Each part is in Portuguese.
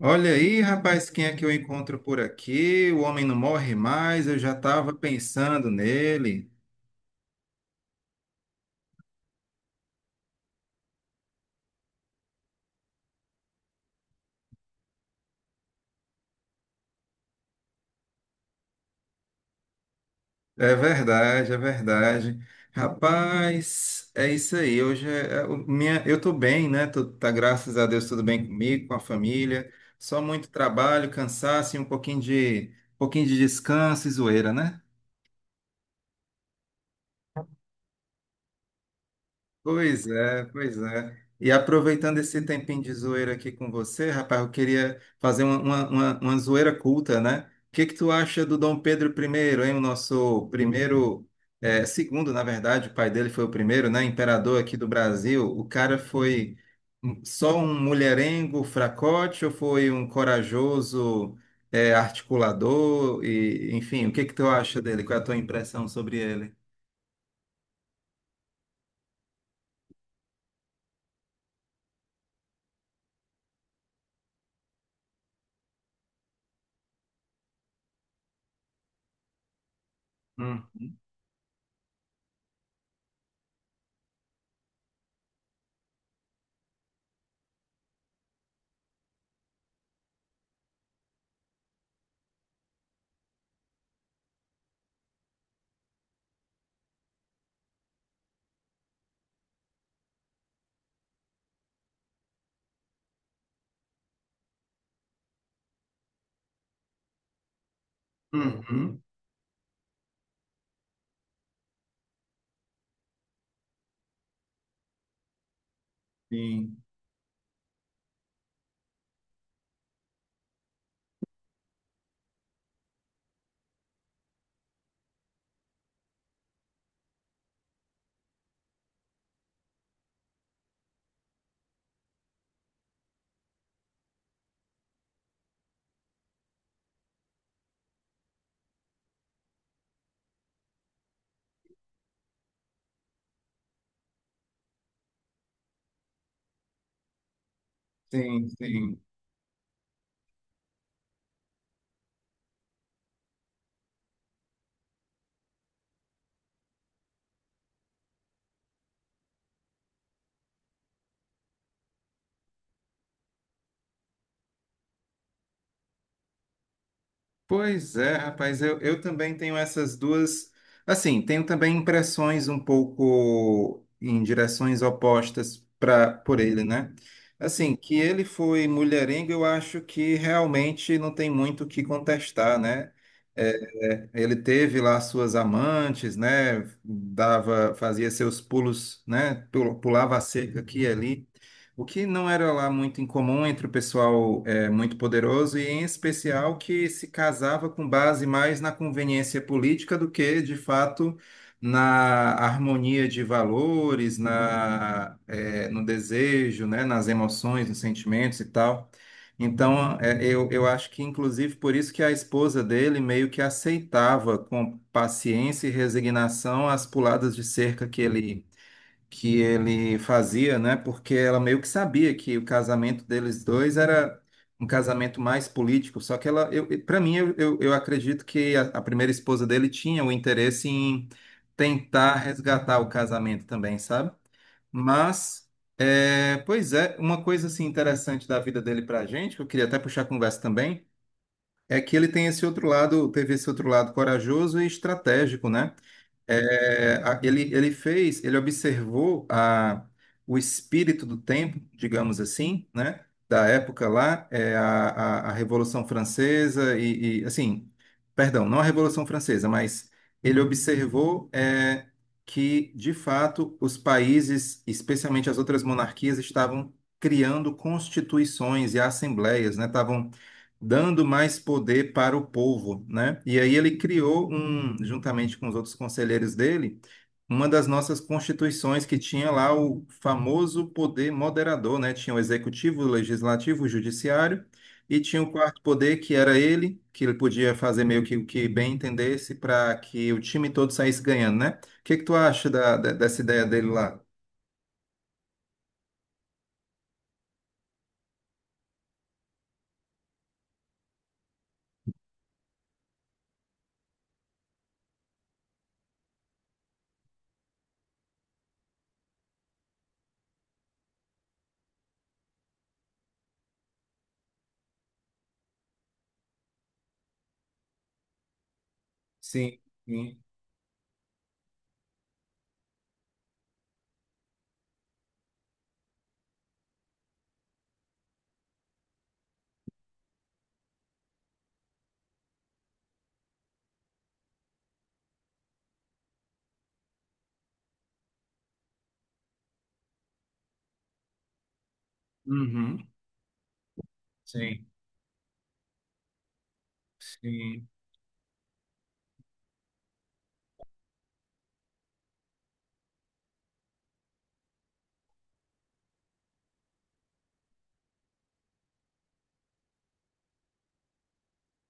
Olha aí, rapaz, quem é que eu encontro por aqui? O homem não morre mais, eu já estava pensando nele. É verdade, é verdade. Rapaz, é isso aí. Hoje eu tô bem, né? Graças a Deus, tudo bem comigo, com a família. Só muito trabalho, cansaço e um pouquinho de descanso e zoeira, né? Pois é, pois é. E aproveitando esse tempinho de zoeira aqui com você, rapaz, eu queria fazer uma zoeira culta, né? O que que tu acha do Dom Pedro I, hein? O nosso primeiro, é, segundo, na verdade, o pai dele foi o primeiro, né? Imperador aqui do Brasil. O cara foi só um mulherengo fracote ou foi um corajoso, é, articulador? E, enfim, o que que tu acha dele? Qual é a tua impressão sobre ele? Uhum. Uhum. Sim. Sim, sim. Pois é, rapaz, eu também tenho essas duas. Assim, tenho também impressões um pouco em direções opostas para por ele, né? Assim, que ele foi mulherengo, eu acho que realmente não tem muito o que contestar, né? É, é, ele teve lá suas amantes, né? Dava, fazia seus pulos, né? Pulava a cerca aqui e ali. O que não era lá muito incomum entre o pessoal é, muito poderoso e, em especial, que se casava com base mais na conveniência política do que, de fato, na harmonia de valores, na, é, no desejo, né, nas emoções, nos sentimentos e tal. Então, é, eu acho que, inclusive, por isso que a esposa dele meio que aceitava com paciência e resignação as puladas de cerca que ele fazia, né? Porque ela meio que sabia que o casamento deles dois era um casamento mais político. Só que ela, eu, para mim, eu acredito que a primeira esposa dele tinha o interesse em tentar resgatar o casamento também, sabe? Mas, é, pois é, uma coisa assim interessante da vida dele para a gente, que eu queria até puxar a conversa também. É que ele tem esse outro lado, teve esse outro lado corajoso e estratégico, né? É, ele fez, ele observou a, o espírito do tempo, digamos assim, né? Da época lá, é, a Revolução Francesa e, assim, perdão, não a Revolução Francesa, mas ele observou é, que, de fato, os países, especialmente as outras monarquias, estavam criando constituições e assembleias, né? Estavam dando mais poder para o povo, né? E aí ele criou um, juntamente com os outros conselheiros dele, uma das nossas constituições que tinha lá o famoso poder moderador, né? Tinha o executivo, o legislativo, o judiciário e tinha o quarto poder que era ele, que ele podia fazer meio que o que bem entendesse para que o time todo saísse ganhando, né? O que que tu acha dessa ideia dele lá? Sim, sim, uhum, sim, sim.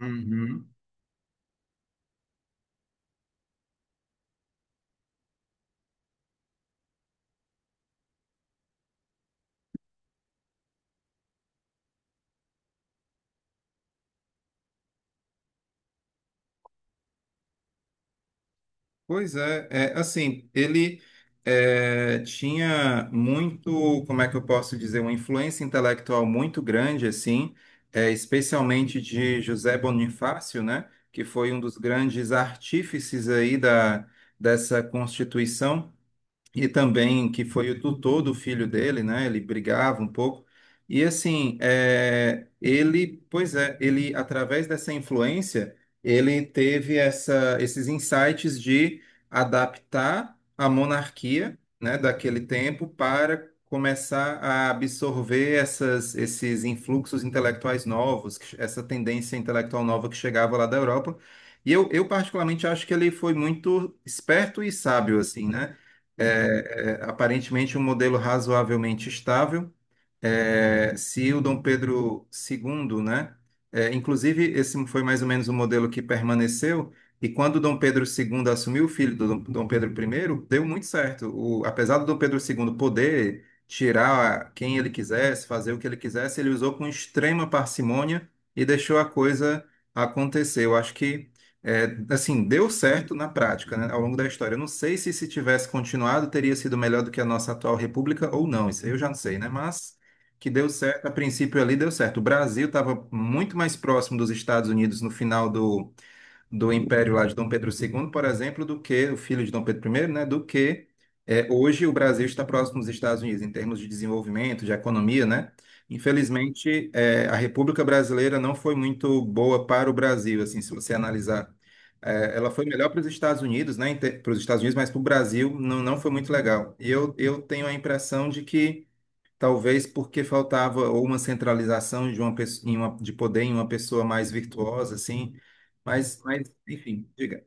Uhum. Pois é, é assim, ele é, tinha muito, como é que eu posso dizer, uma influência intelectual muito grande, assim, é, especialmente de José Bonifácio, né, que foi um dos grandes artífices aí da, dessa Constituição e também que foi o tutor do filho dele, né? Ele brigava um pouco. E assim, é, ele, pois é, ele através dessa influência, ele teve essa, esses insights de adaptar a monarquia, né, daquele tempo para começar a absorver essas, esses influxos intelectuais novos, que- essa tendência intelectual nova que chegava lá da Europa. E eu particularmente acho que ele foi muito esperto e sábio, assim, né? É, é, aparentemente um modelo razoavelmente estável, é, se o Dom Pedro II, né? É, inclusive, esse foi mais ou menos o modelo que permaneceu, e quando o Dom Pedro II assumiu o filho do Dom Pedro I, deu muito certo. Apesar do Dom Pedro II poder tirar quem ele quisesse, fazer o que ele quisesse, ele usou com extrema parcimônia e deixou a coisa acontecer. Eu acho que, é, assim, deu certo na prática, né, ao longo da história. Eu não sei se se tivesse continuado, teria sido melhor do que a nossa atual república ou não, isso aí eu já não sei, né? Mas que deu certo, a princípio ali deu certo. O Brasil estava muito mais próximo dos Estados Unidos no final do Império lá de Dom Pedro II, por exemplo, do que o filho de Dom Pedro I, né, do que é, hoje o Brasil está próximo dos Estados Unidos em termos de desenvolvimento, de economia, né? Infelizmente, é, a República Brasileira não foi muito boa para o Brasil, assim, se você analisar. É, ela foi melhor para os Estados Unidos, né? Para os Estados Unidos, mas para o Brasil não, não foi muito legal. E eu tenho a impressão de que talvez porque faltava ou uma centralização de uma pessoa, de poder em uma pessoa mais virtuosa, assim. Mas enfim, diga.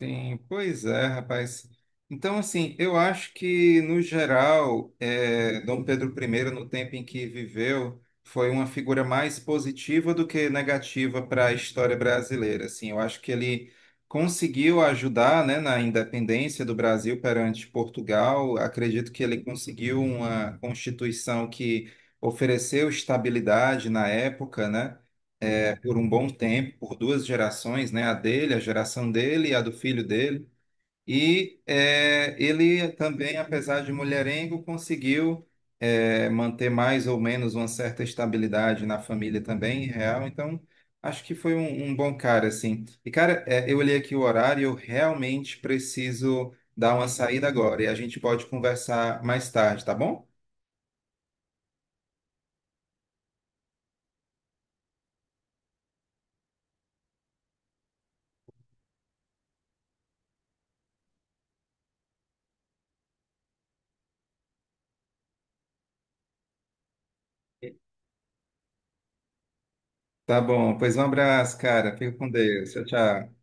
Sim, pois é, rapaz. Então, assim, eu acho que, no geral, eh, Dom Pedro I, no tempo em que viveu, foi uma figura mais positiva do que negativa para a história brasileira. Assim, eu acho que ele conseguiu ajudar, né, na independência do Brasil perante Portugal. Acredito que ele conseguiu uma Constituição que ofereceu estabilidade na época, né? Por um bom tempo, por duas gerações, né? A dele, a geração dele e a do filho dele. E eh, ele também, apesar de mulherengo, conseguiu eh, manter mais ou menos uma certa estabilidade na família também, real. Então, acho que foi um, um bom cara, assim. E, cara, eh, eu olhei aqui o horário, eu realmente preciso dar uma saída agora. E a gente pode conversar mais tarde, tá bom? Tá bom, pois um abraço, cara. Fica com Deus. Tchau, tchau.